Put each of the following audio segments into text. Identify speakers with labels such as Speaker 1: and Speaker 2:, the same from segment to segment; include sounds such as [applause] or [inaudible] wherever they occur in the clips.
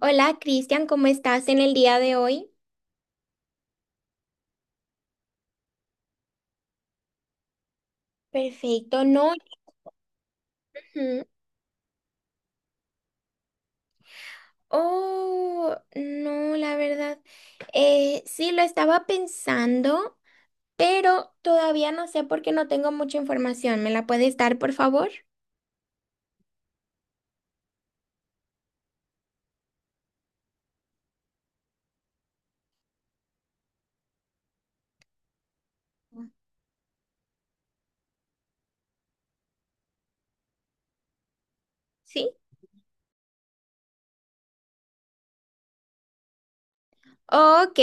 Speaker 1: Hola, Cristian, ¿cómo estás en el día de hoy? Perfecto, no. Ujú. Oh, no, la verdad. Sí, lo estaba pensando, pero todavía no sé porque no tengo mucha información. ¿Me la puedes dar, por favor? Sí. Ok.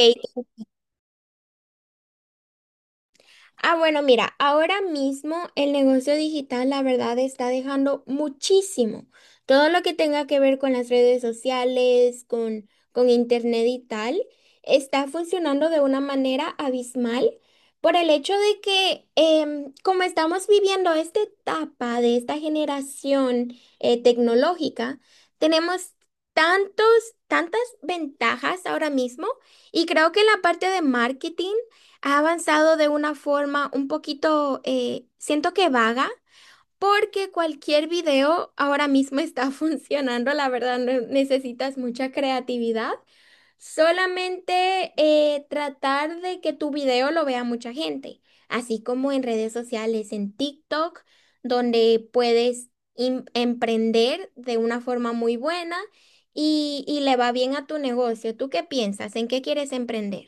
Speaker 1: Ah, bueno, mira, ahora mismo el negocio digital, la verdad, está dejando muchísimo. Todo lo que tenga que ver con las redes sociales, con internet y tal, está funcionando de una manera abismal por el hecho de que como estamos viviendo esta etapa de esta generación tecnológica, tenemos tantos, tantas ventajas ahora mismo y creo que en la parte de marketing ha avanzado de una forma un poquito, siento que vaga, porque cualquier video ahora mismo está [laughs] funcionando, la verdad no necesitas mucha creatividad, solamente tratar de que tu video lo vea mucha gente, así como en redes sociales, en TikTok, donde puedes emprender de una forma muy buena y, le va bien a tu negocio. ¿Tú qué piensas? ¿En qué quieres emprender?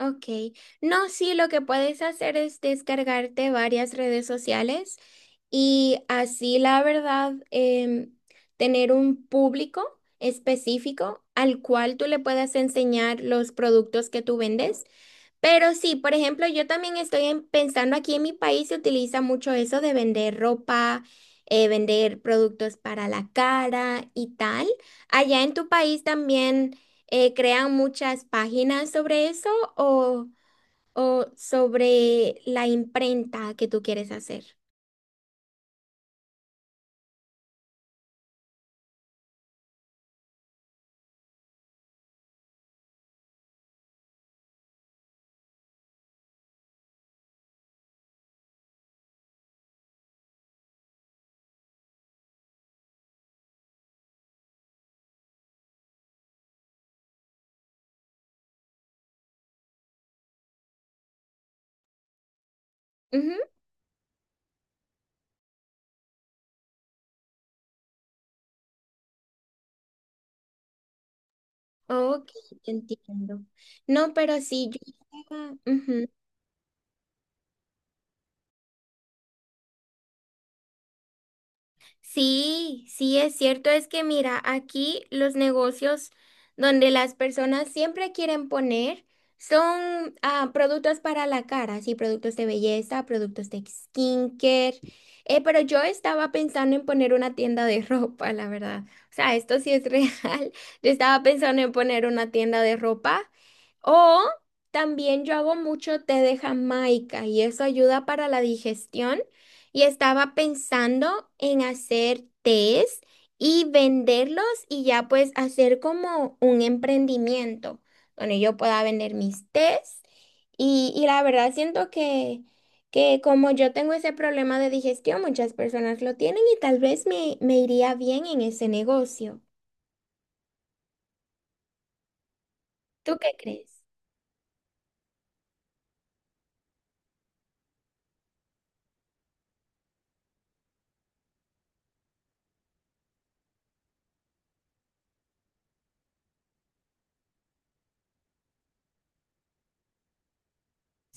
Speaker 1: Ok, no, sí, lo que puedes hacer es descargarte varias redes sociales y así, la verdad, tener un público específico al cual tú le puedas enseñar los productos que tú vendes. Pero sí, por ejemplo, yo también estoy pensando, aquí en mi país se utiliza mucho eso de vender ropa, vender productos para la cara y tal. ¿Allá en tu país también crean muchas páginas sobre eso o, sobre la imprenta que tú quieres hacer? Ujú. Ok, te entiendo. No, pero sí, yo... ujú. Sí, sí, es cierto, es que mira, aquí los negocios donde las personas siempre quieren poner son productos para la cara, sí, productos de belleza, productos de skincare, pero yo estaba pensando en poner una tienda de [laughs] ropa, la verdad. O sea, esto sí es real. [laughs] Yo estaba pensando en poner una tienda de ropa o también yo hago mucho té de Jamaica y eso ayuda para la digestión. Y estaba pensando en hacer tés y venderlos y ya pues hacer como un emprendimiento donde yo pueda vender mis tés. Y, la verdad siento que, como yo tengo ese problema de digestión, muchas personas lo tienen y tal vez me iría bien en ese negocio. ¿Tú qué crees?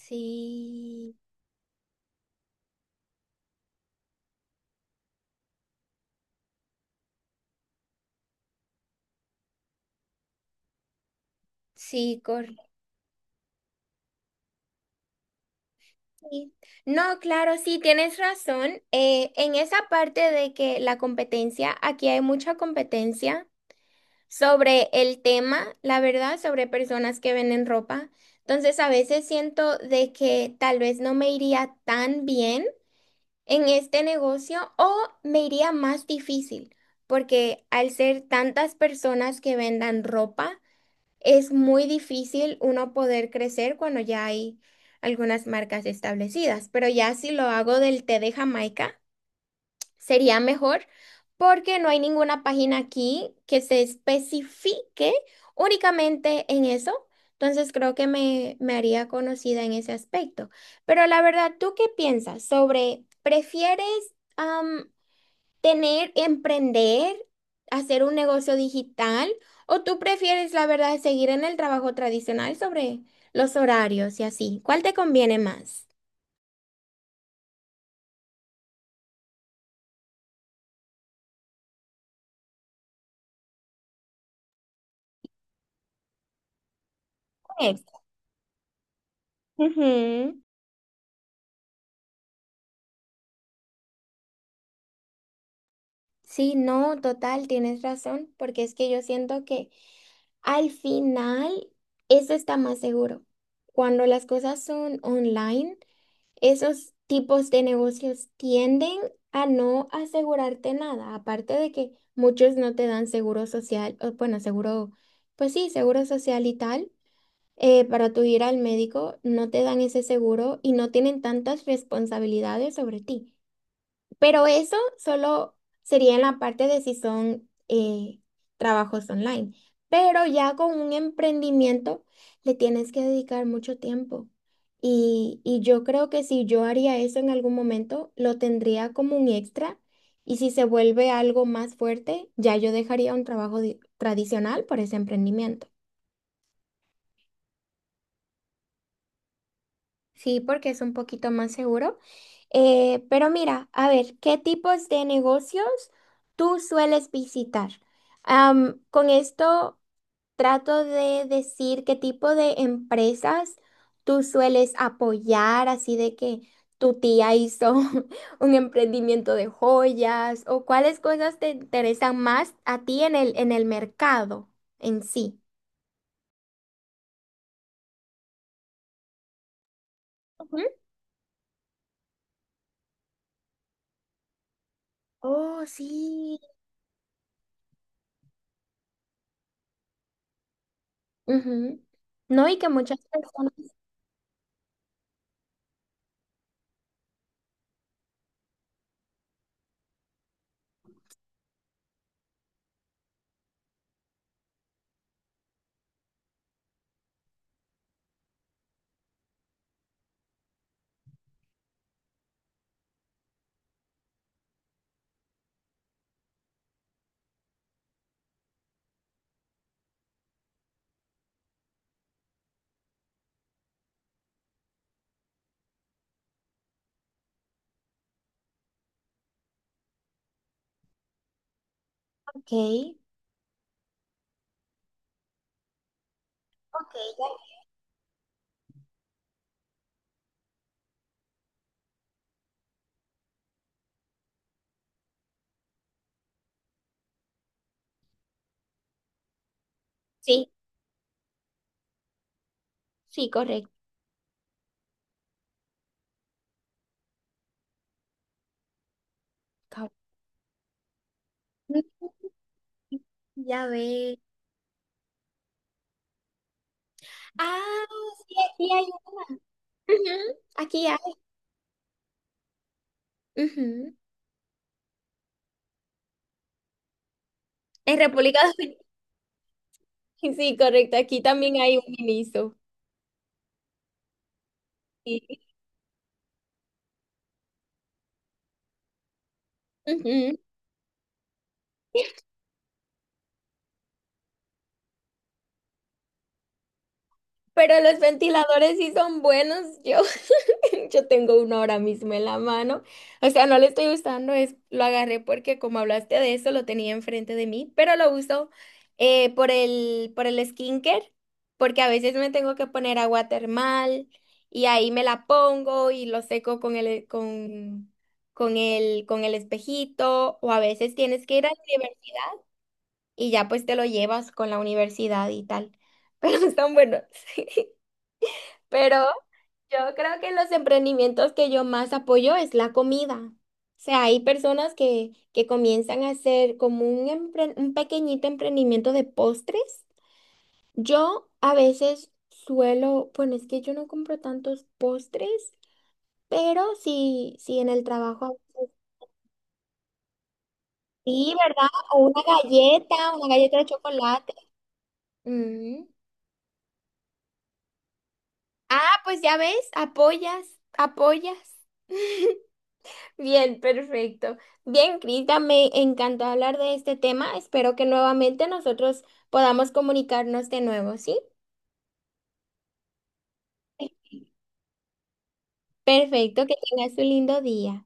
Speaker 1: Sí, sí, sí. No, claro, sí, tienes razón. En esa parte de que la competencia, aquí hay mucha competencia sobre el tema, la verdad, sobre personas que venden ropa. Entonces, a veces siento de que tal vez no me iría tan bien en este negocio o me iría más difícil, porque al ser tantas personas que vendan ropa, es muy difícil uno poder crecer cuando ya hay algunas marcas establecidas, pero ya si lo hago del té de Jamaica, sería mejor porque no hay ninguna página aquí que se especifique únicamente en eso. Entonces creo que me haría conocida en ese aspecto. Pero la verdad, ¿tú qué piensas? Sobre, prefieres tener, emprender, hacer un negocio digital, o tú prefieres, la verdad, seguir en el trabajo tradicional sobre los horarios y así. ¿Cuál te conviene más? Pues. Ujú. Sí, no, total, tienes razón, porque es que yo siento que al final eso está más seguro. Cuando las cosas son online, esos tipos de negocios tienden a no asegurarte nada, aparte de que muchos no te dan seguro social, o bueno, seguro, pues sí, seguro social y tal, para tu ir al médico, no te dan ese seguro y no tienen tantas responsabilidades sobre ti. Pero eso solo sería en la parte de si son trabajos online. Pero ya con un emprendimiento le tienes que dedicar mucho tiempo. Y, yo creo que si yo haría eso en algún momento, lo tendría como un extra. Y si se vuelve algo más fuerte, ya yo dejaría un trabajo tradicional por ese emprendimiento. Sí, porque es un poquito más seguro. Pero mira, a ver, ¿qué tipos de negocios tú sueles visitar? Con esto trato de decir qué tipo de empresas tú sueles apoyar, así de que tu tía hizo [laughs] un emprendimiento de joyas o cuáles cosas te interesan más a ti en el mercado en sí. Ujú. Oh, sí. Ujú. No, y que muchas personas... Ok, ok, sí, sí, correcto. Cabo- Ya ve. Ah, sí, aquí hay. Ujú, aquí hay. Ujú. En República Dominicana, [laughs] sí, correcto. Aquí también hay un ministro. Sí. Ujú. Pero los ventiladores sí son buenos, yo. [laughs] Yo tengo uno ahora mismo en la mano. O sea, no lo estoy usando, es, lo agarré porque como hablaste de eso, lo tenía enfrente de mí, pero lo uso por el skincare, porque a veces me tengo que poner agua termal y ahí me la pongo y lo seco con el, con el espejito, o a veces tienes que ir a la universidad y ya pues te lo llevas con la universidad y tal. [laughs] Pero están buenos. [laughs] Pero yo creo que los emprendimientos que yo más apoyo es la comida. O sea, hay personas que comienzan a hacer como un pequeñito emprendimiento de postres. Yo a veces suelo, bueno, es que yo no compro tantos postres, pero sí, sí en el trabajo. A veces. Sí, ¿verdad? O una galleta de chocolate. Mm. Ah, pues ya ves, apoyas, apoyas. [laughs] Bien, perfecto. Bien, Crita, me encantó hablar de este tema. Espero que nuevamente nosotros podamos comunicarnos de nuevo, ¿sí? Perfecto, que tengas un lindo día.